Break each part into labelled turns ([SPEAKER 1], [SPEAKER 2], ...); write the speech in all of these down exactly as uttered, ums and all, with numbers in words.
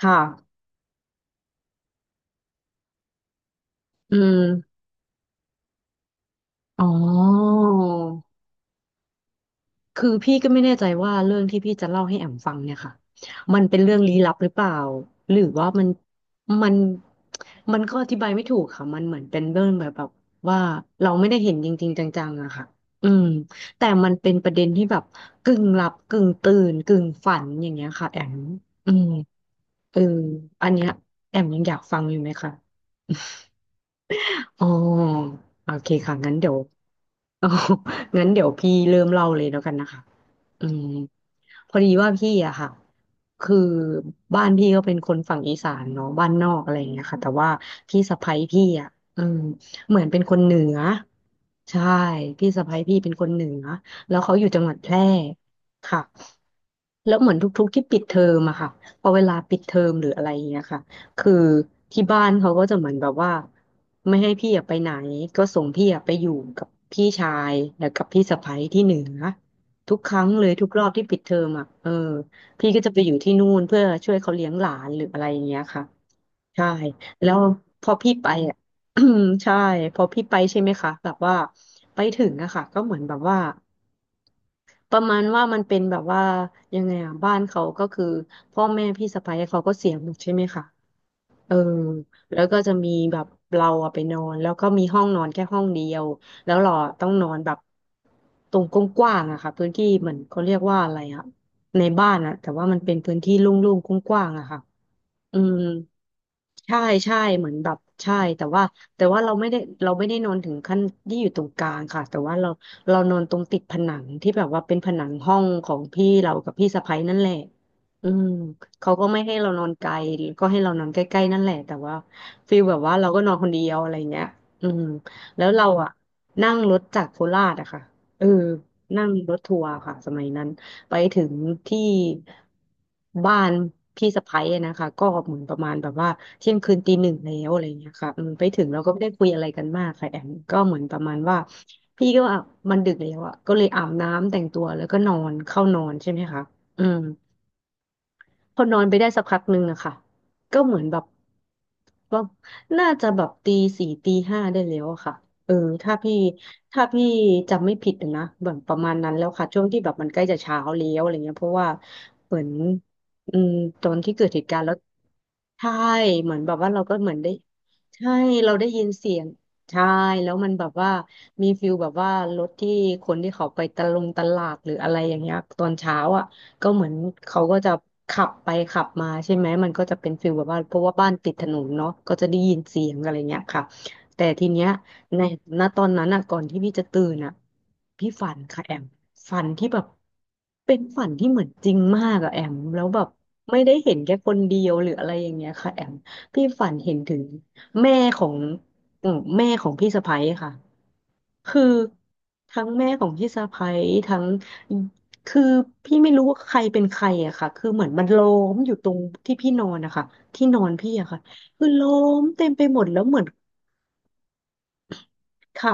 [SPEAKER 1] ค่ะอืมอ๋อคือพี่ก็ไม่แน่ใจว่าเรื่องที่พี่จะเล่าให้แอมฟังเนี่ยค่ะมันเป็นเรื่องลี้ลับหรือเปล่าหรือว่ามันมันมันก็อธิบายไม่ถูกค่ะมันเหมือนเป็นเรื่องแบบแบบว่าเราไม่ได้เห็นจริงๆจังๆอะค่ะอืมแต่มันเป็นประเด็นที่แบบกึ่งหลับกึ่งตื่นกึ่งฝันอย่างเงี้ยค่ะแอมอืมเอออันเนี้ยแอมยังอยากฟังอยู่ไหมคะอ๋อโอเคค่ะงั้นเดี๋ยว โอ้งั้นเดี๋ยวพี่เริ่มเล่าเลยแล้วกันนะคะอืม พอดีว่าพี่อะค่ะคือบ้านพี่ก็เป็นคนฝั่งอีสานเนาะบ้านนอกอะไรอย่างเงี้ยค่ะแต่ว่าพี่สะใภ้พี่อะเออเหมือนเป็นคนเหนือใช่พี่สะใภ้พี่เป็นคนเหนือแล้วเขาอยู่จังหวัดแพร่ค่ะแล้วเหมือนทุกๆที่ปิดเทอมอะค่ะพอเวลาปิดเทอมหรืออะไรอย่างเงี้ยค่ะคือที่บ้านเขาก็จะเหมือนแบบว่าไม่ให้พี่อะไปไหนก็ส่งพี่อะไปอยู่กับพี่ชายแล้วกับพี่สะใภ้ที่เหนือ ทุกครั้งเลยทุกรอบที่ปิดเทอมอ่ะเออพี่ก็จะไปอยู่ที่นู่นเพื่อช่วยเขาเลี้ยงหลานหรืออะไรอย่างเงี้ยค่ะใช่แล้วพอพี่ไปอ่ะ ใช่พอพี่ไปใช่ไหมคะแบบว่าไปถึงอะค่ะก็เหมือนแบบว่าประมาณว่ามันเป็นแบบว่ายังไงอะบ้านเขาก็คือพ่อแม่พี่สะใภ้เขาก็เสียหมดใช่ไหมคะ เออแล้วก็จะมีแบบเราอะไปนอนแล้วก็มีห้องนอนแค่ห้องเดียวแล้วเราอะต้องนอนแบบตรงกว้างๆอะค่ะพื้นที่เหมือนเขาเรียกว่าอะไรอะในบ้านอะแต่ว่ามันเป็นพื้นที่โลุ่งๆกว้างๆอะค่ะ อืมใช่ใช่เหมือนแบบใช่แต่ว่าแต่ว่าเราไม่ได้เราไม่ได้นอนถึงขั้นที่อยู่ตรงกลางค่ะแต่ว่าเราเรานอนตรงติดผนังที่แบบว่าเป็นผนังห้องของพี่เรากับพี่สะใภ้นั่นแหละอืมเขาก็ไม่ให้เรานอนไกลก็ให้เรานอนใกล้ๆนั่นแหละแต่ว่าฟีลแบบว่าเราก็นอนคนเดียวอะไรเงี้ยอืมแล้วเราอะนั่งรถจากโคราชอะค่ะเออนั่งรถทัวร์ค่ะสมัยนั้น ไปถึงที่บ้านพี่สะใภ้อะนะคะก็เหมือนประมาณแบบว่าเที่ยงคืนตีหนึ่งแล้วอะไรอย่างเงี้ยค่ะอืมไปถึงเราก็ไม่ได้คุยอะไรกันมากค่ะแอมก็เหมือนประมาณว่าพี่ก็ว่ามันดึกแล้วอ่ะก็เลยอาบน้ำแต่งตัวแล้วก็นอนเข้านอนใช่ไหมคะอืม พอนอนไปได้สักพักหนึ่งอะค่ะก็เหมือนแบบว่าน่าจะแบบตีสี่ตีห้าได้แล้วอะค่ะเออถ้าพี่ถ้าพี่จำไม่ผิดนะแบบประมาณนั้นแล้วค่ะช่วงที่แบบมันใกล้จะเช้าแล้วอะไรเงี้ยเพราะว่าเหมือนอืมตอนที่เกิดเหตุการณ์แล้วใช่เหมือนแบบว่าเราก็เหมือนได้ใช่เราได้ยินเสียงใช่แล้วมันแบบว่ามีฟิลแบบว่ารถที่คนที่เขาไปตะลงตลาดหรืออะไรอย่างเงี้ยตอนเช้าอ่ะ ก็เหมือนเขาก็จะขับไปขับมาใช่ไหมมันก็จะเป็นฟิลแบบว่าเพราะว่าบ้านติดถนนเนาะก็จะได้ยินเสียงอะไรเงี้ยค่ะแต่ทีเนี้ยในณตอนนั้นอะก่อนที่พี่จะตื่นอะพี่ฝันค่ะแอมฝันที่แบบเป็นฝันที่เหมือนจริงมากอะแอมแล้วแบบไม่ได้เห็นแค่คนเดียวหรืออะไรอย่างเงี้ยค่ะแอมพี่ฝันเห็นถึงแม่ของอืมแม่ของพี่สะใภ้ค่ะคือทั้งแม่ของพี่สะใภ้ทั้ง คือพี่ไม่รู้ว่าใครเป็นใครอะค่ะ คือเหมือนมันล้อมอยู่ตรงที่พี่นอนนะคะที่นอนพี่อะค่ะ คือล้อมเต็มไปหมดแล้วเหมือนค่ะ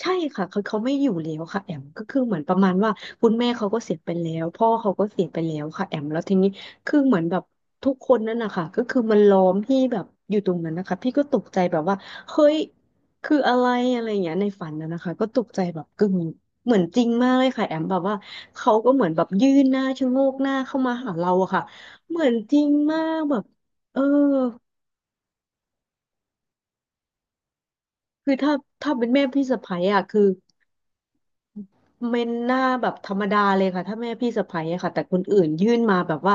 [SPEAKER 1] ใช่ค่ะคือเขาไม่อยู่แล้วค่ะแอมก็คือเหมือนประมาณว่าคุณแม่เขาก็เสียไปแล้วพ่อเขาก็เสียไปแล้วค่ะแอมแล้วทีนี้คือเหมือนแบบทุกคนนั่นนะคะก็คือมันล้อมพี่แบบอยู่ตรงนั้นนะคะพี่ก็ตกใจแบบว่าเฮ้ยคืออะไรอะไรอย่างเงี้ยในฝันนะนะคะก็ตกใจแบบกึ่งเหมือนจริงมากเลยค่ะแอมแบบว่าเขาก็เหมือนแบบยื่นหน้าชะโงกหน้าเข้ามาหาเราอะค่ะเหมือนจริงมากแบบเออคือถ้าถ้าเป็นแม่พี่สะใภ้อะคือ เป็นหน้าแบบธรรมดาเลยค่ะถ้าแม่พี่สะใภ้อะค่ะแต่คนอื่นยื่นมาแบบว่า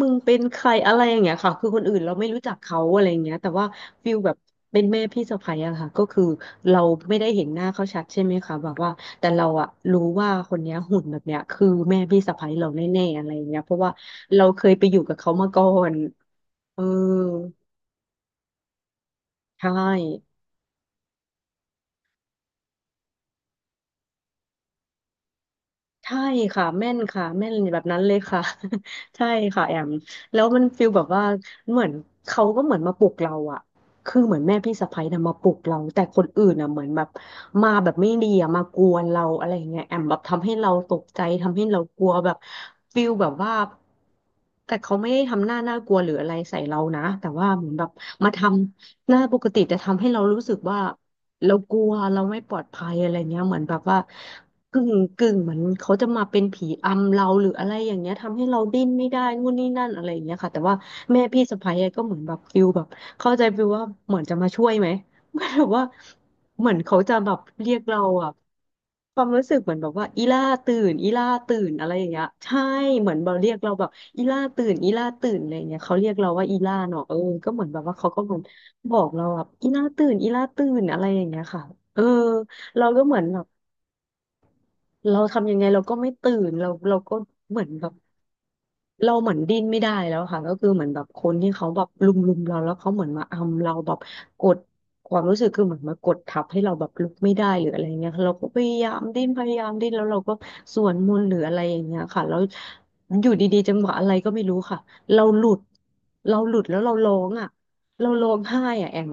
[SPEAKER 1] มึงเป็นใครอะไรอย่างเงี้ยค่ะคือคนอื่นเราไม่รู้จักเขาอะไรอย่างเงี้ยแต่ว่าฟิลแบบเป็นแม่พี่สะใภ้อะค่ะก็คือเราไม่ได้เห็นหน้าเขาชัดใช่ไหมคะแบบว่าแต่เราอะรู้ว่าคนเนี้ยหุ่นแบบเนี้ยคือแม่พี่สะใภ้เราแน่ๆอะไรอย่างเงี้ยเพราะว่าเราเคยไปอยู่กับเขามาก่อนเออใช่ ใช่ค่ะแม่นค่ะแม่นแบบนั้นเลยค่ะ ใช่ค่ะแอมแล้วมันฟีลแบบว่าเหมือนเขาก็เหมือนมาปลุกเราอะคือเหมือนแม่พี่สะใภ้นะมาปลุกเราแต่คนอื่นอะเหมือนแบบมาแบบไม่ดีอะมากวนเราอะไรอย่างเงี้ยแอมแบบทำให้เราตกใจทำให้เรากลัวแบบฟีลแบบว่าแต่เขาไม่ได้ทำหน้าน่ากลัวหรืออะไรใส่เรานะแต่ว่าเหมือนแบบมาทำหน้าปกติแต่ทำให้เรารู้สึกว่าเรากลัวเราไม่ปลอดภัยอะไรเงี้ยเหมือนแบบว่า กึ่งกึ่งเหมือนเขาจะมาเป็นผีอำเราหรืออะไรอย่างเงี้ยทำให้เราดิ้นไม่ได้นู่นนี่นั่นอะไรอย่างเงี้ยค่ะแต่ว่าแม่พี่สะใภ้อะก็เหมือนแบบฟิลแบบเข้าใจฟิลว่าเหมือนจะมาช่วยไหมเหมือนแบบว่าเหมือนเขาจะแบบเรียกเราอะความรู้สึกเหมือนแบบว่าอีล่าตื่นอีล่าตื่นอะไรอย่างเงี้ยใช่เหมือนแบบเรียกเราแบบอีล่าตื่นอีล่าตื่นอะไรอย่างเงี้ยเขาเรียกเราว่าอีล่าเนาะเออก็เหมือนแบบว่าเขาก็เหมือนบอกเราแบบอีล่าตื่นอีล่าตื่นอะไรอย่างเงี้ยค่ะเออเราก็เหมือนแบบ เราทำยังไงเราก็ไม่ตื่นเราเราก็เหมือนแบบเราเหมือนดิ้นไม่ได้แล้วค่ะก็คือเหมือนแบบคนที่เขาแบบลุมลุมเราแล้วเขาเหมือนมาอำเราแบบกดความรู้สึกคือเหมือนมากดทับให้เราแบบลุกไม่ได้หรืออะไรเงี้ยเราก็พยายามดิ้นพยายามดิ้นแล้วเราก็สวดมนต์หรืออะไรอย่างเงี้ยค่ะแล้วอยู่ดีๆจังหวะอะไรก็ไม่รู้ค่ะเราหลุดเราหลุดแล้วเราร้องอ่ะเราร้องไห้อ่ะแอม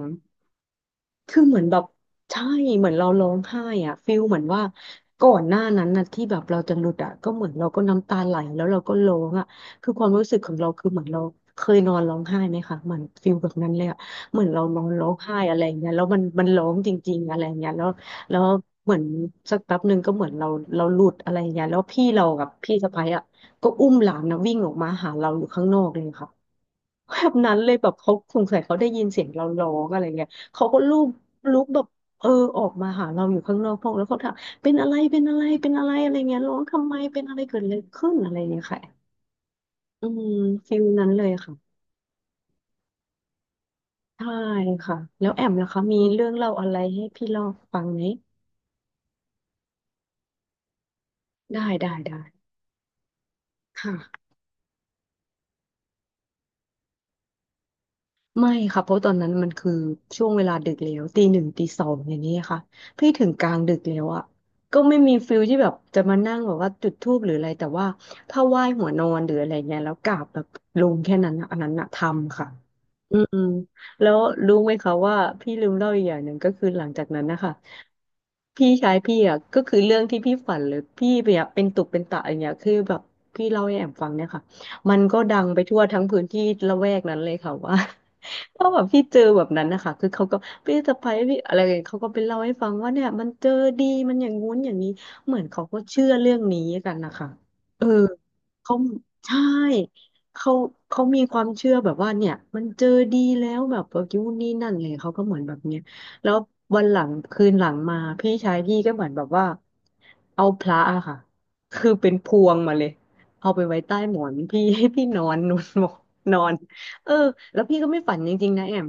[SPEAKER 1] คือเหมือนแบบใช่เหมือนเราร้องไห้อะฟิลเหมือนว่าก่อนหน้านั้นนะที่แบบเราจะหลุดอะก็เหมือนเราก็น้ำตาไหลแล้วเราก็ร้องอะคือความรู้สึกของเราคือเหมือนเราเคยนอนร้องไห้ไหมคะเหมือนฟิลแบบนั้นเลยอะเหมือนเรานอนร้องไห้อะไรอย่างเงี้ยแล้วมันมันร้องจริงๆอะไรอย่างเงี้ยแล้วแล้วเหมือนสักแป๊บหนึ่งก็เหมือนเราเราหลุดอะไรอย่างเงี้ยแล้วพี่เรากับพี่สะใภ้อะก็อุ้มหลานนะวิ่งออกมาหาเราอยู่ข้างนอกเลยค่ะแบบนั้นเลยแบบเขาสงสัยเขาได้ยินเสียงเราร้องอะไรเงี้ยเขาก็ลูบ ลุกแบบเออออกมาหาเราอยู่ข้างนอกห้องแล้วเขาถามเป็นอะไรเป็นอะไรเป็นอะไรอะไรเงี้ยร้องทำไมเป็นอะไรเกิดอะไรขึ้นอะไรเงี้ยค่ะอืมฟิลนั้นเลยค่ะใช่ค่ะแล้วแอมล่ะคะมีเรื่องเล่าอะไรให้พี่เล่าฟังไหมได้ได้ได้ค่ะ ไม่ค่ะเพราะตอนนั้นมันคือช่วงเวลาดึกแล้วตีหนึ่งตีสองอย่างนี้ค่ะพี่ถึงกลางดึกแล้วอ่ะก็ไม่มีฟิลที่แบบจะมานั่งแบบว่าจุดธูปหรืออะไรแต่ว่าถ้าไหว้หัวนอนหรืออะไรเงี้ยแล้วกราบแบบลงแค่นั้นอะอันนั้นอะทำค่ะอืมแล้วรู้ไหมคะว่าพี่ลืมเล่าอีกอย่างหนึ่งก็คือหลังจากนั้นนะคะพี่ชายพี่อ่ะก็คือเรื่องที่พี่ฝันเลยพี่เนี่ยเป็นตุเป็นตะอย่างเงี้ยคือแบบพี่เล่าให้แอมฟังเนี่ยค่ะมันก็ดังไปทั่วทั้งพื้นที่ละแวกนั้นเลยค่ะว่า ถ้าแบบพี่เจอแบบนั้นนะคะคือเขาก็พี่สะใภ้พี่อะไรอย่างเงี้ยเขาก็ไปเล่าให้ฟังว่าเนี่ยมันเจอดีมันอย่างงู้นอย่างนี้เหมือนเขาก็เชื่อเรื่องนี้กันนะคะเออเขาใช่เขาเขามีความเชื่อแบบว่าเนี่ยมันเจอดีแล้วแบบว่ายูนนี่นั่นเลยเขาก็เหมือนแบบเนี้ยแล้ววันหลังคืนหลังมาพี่ชายพี่ก็เหมือนแบบว่าเอาพระอะค่ะคือเป็นพวงมาเลยเอาไปไว้ใต้หมอนพี่ให้พี่นอน นุ่นบอกนอน เออแล้วพี่ก็ไม่ฝันจริงๆนะแอม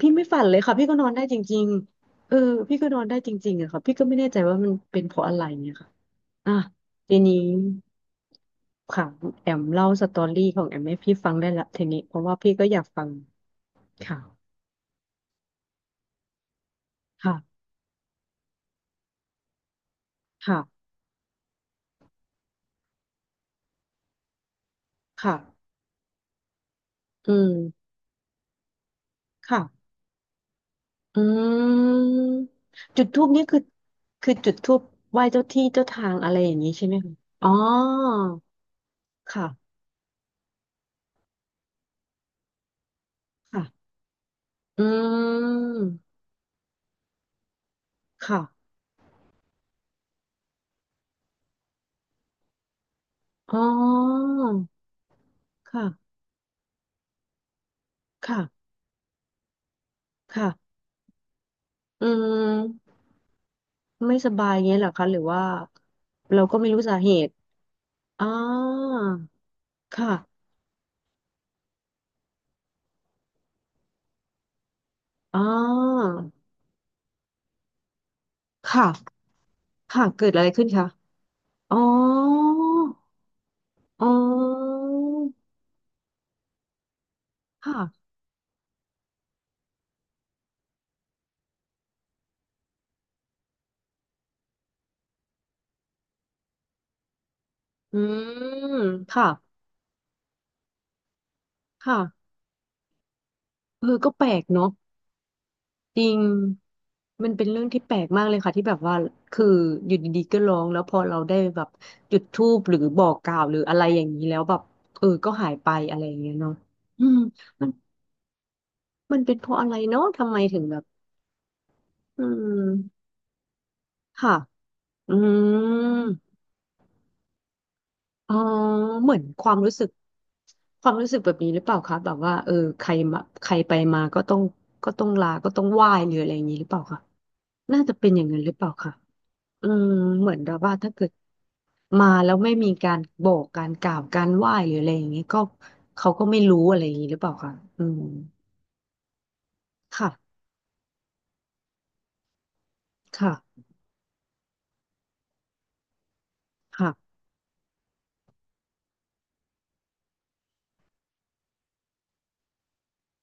[SPEAKER 1] พี่ไม่ฝันเลยค่ะพี่ก็นอนได้จริงๆเออพี่ก็นอนได้จริงๆอะค่ะพี่ก็ไม่แน่ใจว่ามันเป็นเพราะอะไรเนี่ยค่ะอ่ะทีนี้ค่ะแอมเล่าสตอรี่ของแอมให้พี่ฟังได้ละทีนี้เพราะว่าพี่ก็อยากฟังค่ะค่ะค่ะค่ะอืมค่ะอืมจุดธูปนี่คือคือจุดธูปไหว้เจ้าที่เจ้าทางอะไรอย่างนี้ใช่ไหมคะอ๋อค่ะค่ะอืม ค่ะอ๋อค่ะ ค่ะ ค่ะ อืม ไม่สบายเงี้ยเหรอคะ หรือว่าเราก็ไม่รู้สาเหตุอ๋อค่ะอ๋อค่ะ ค่ะ เกิดอะไรขึ้นคะอ๋ออ๋อค่ะอืม ค่ะ ค่ะเออก็แปลกเนาะ จริงมันเป็นเรื่องที่แปลกมากเลยค่ะที่แบบว่า คืออยู่ดีๆก็ร้องแล้วพอเราได้แบบจุดธูปหรือบอกกล่าวหรืออะไรอย่างนี้แล้วแบบเออก็หายไปอะไรอย่างเงี้ยเนาะอืมมันมันเป็นเพราะอะไรเนาะทำไมถึงแบบอืมค่ะอืมอ๋อเหมือนความรู้สึกความรู้สึกแบบนี้หรือเปล่าคะแบบว่าเออใครมาใครไปมาก็ต้องก็ต้องลาก็ต้องไหว้หรืออะไรอย่างนี้หรือเปล่าคะน่าจะเป็นอย่างนั้นหรือเปล่าคะ อืมเหมือนแบบว่าถ้าเกิดมาแล้วไม่มีการบอกการกล่าวการไหว้หรืออะไรอย่างเงี้ยก็เขาก็ไม่รู้อะไรอย่างงี้หรือเปล่าคะอืมค่ะค่ะค่ะ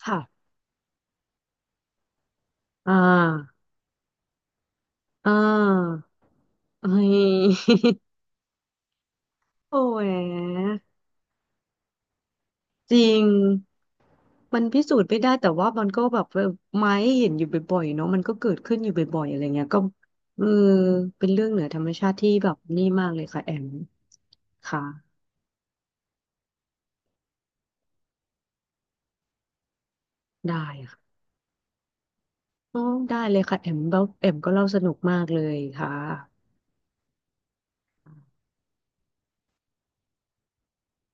[SPEAKER 1] ค่ะอ่าอ่าเฮ้ย โอ้ยจริงมันพิสูจน์ไม่ได้แต่ว่ามันก็แบบเออไม้เห็นอยู่บ่อยๆเนาะมันก็เกิดขึ้นอยู่บ่อยๆอะไรเงี้ยก็เออเป็นเรื่องเหนือธรรมชาติที่แบบนี่มากเลยค่ะแอมค่ะได้ค่ะ อ๋อได้เลยค่ะแอมเล่าแอมก็เล่าสนุกมากเลยค่ะ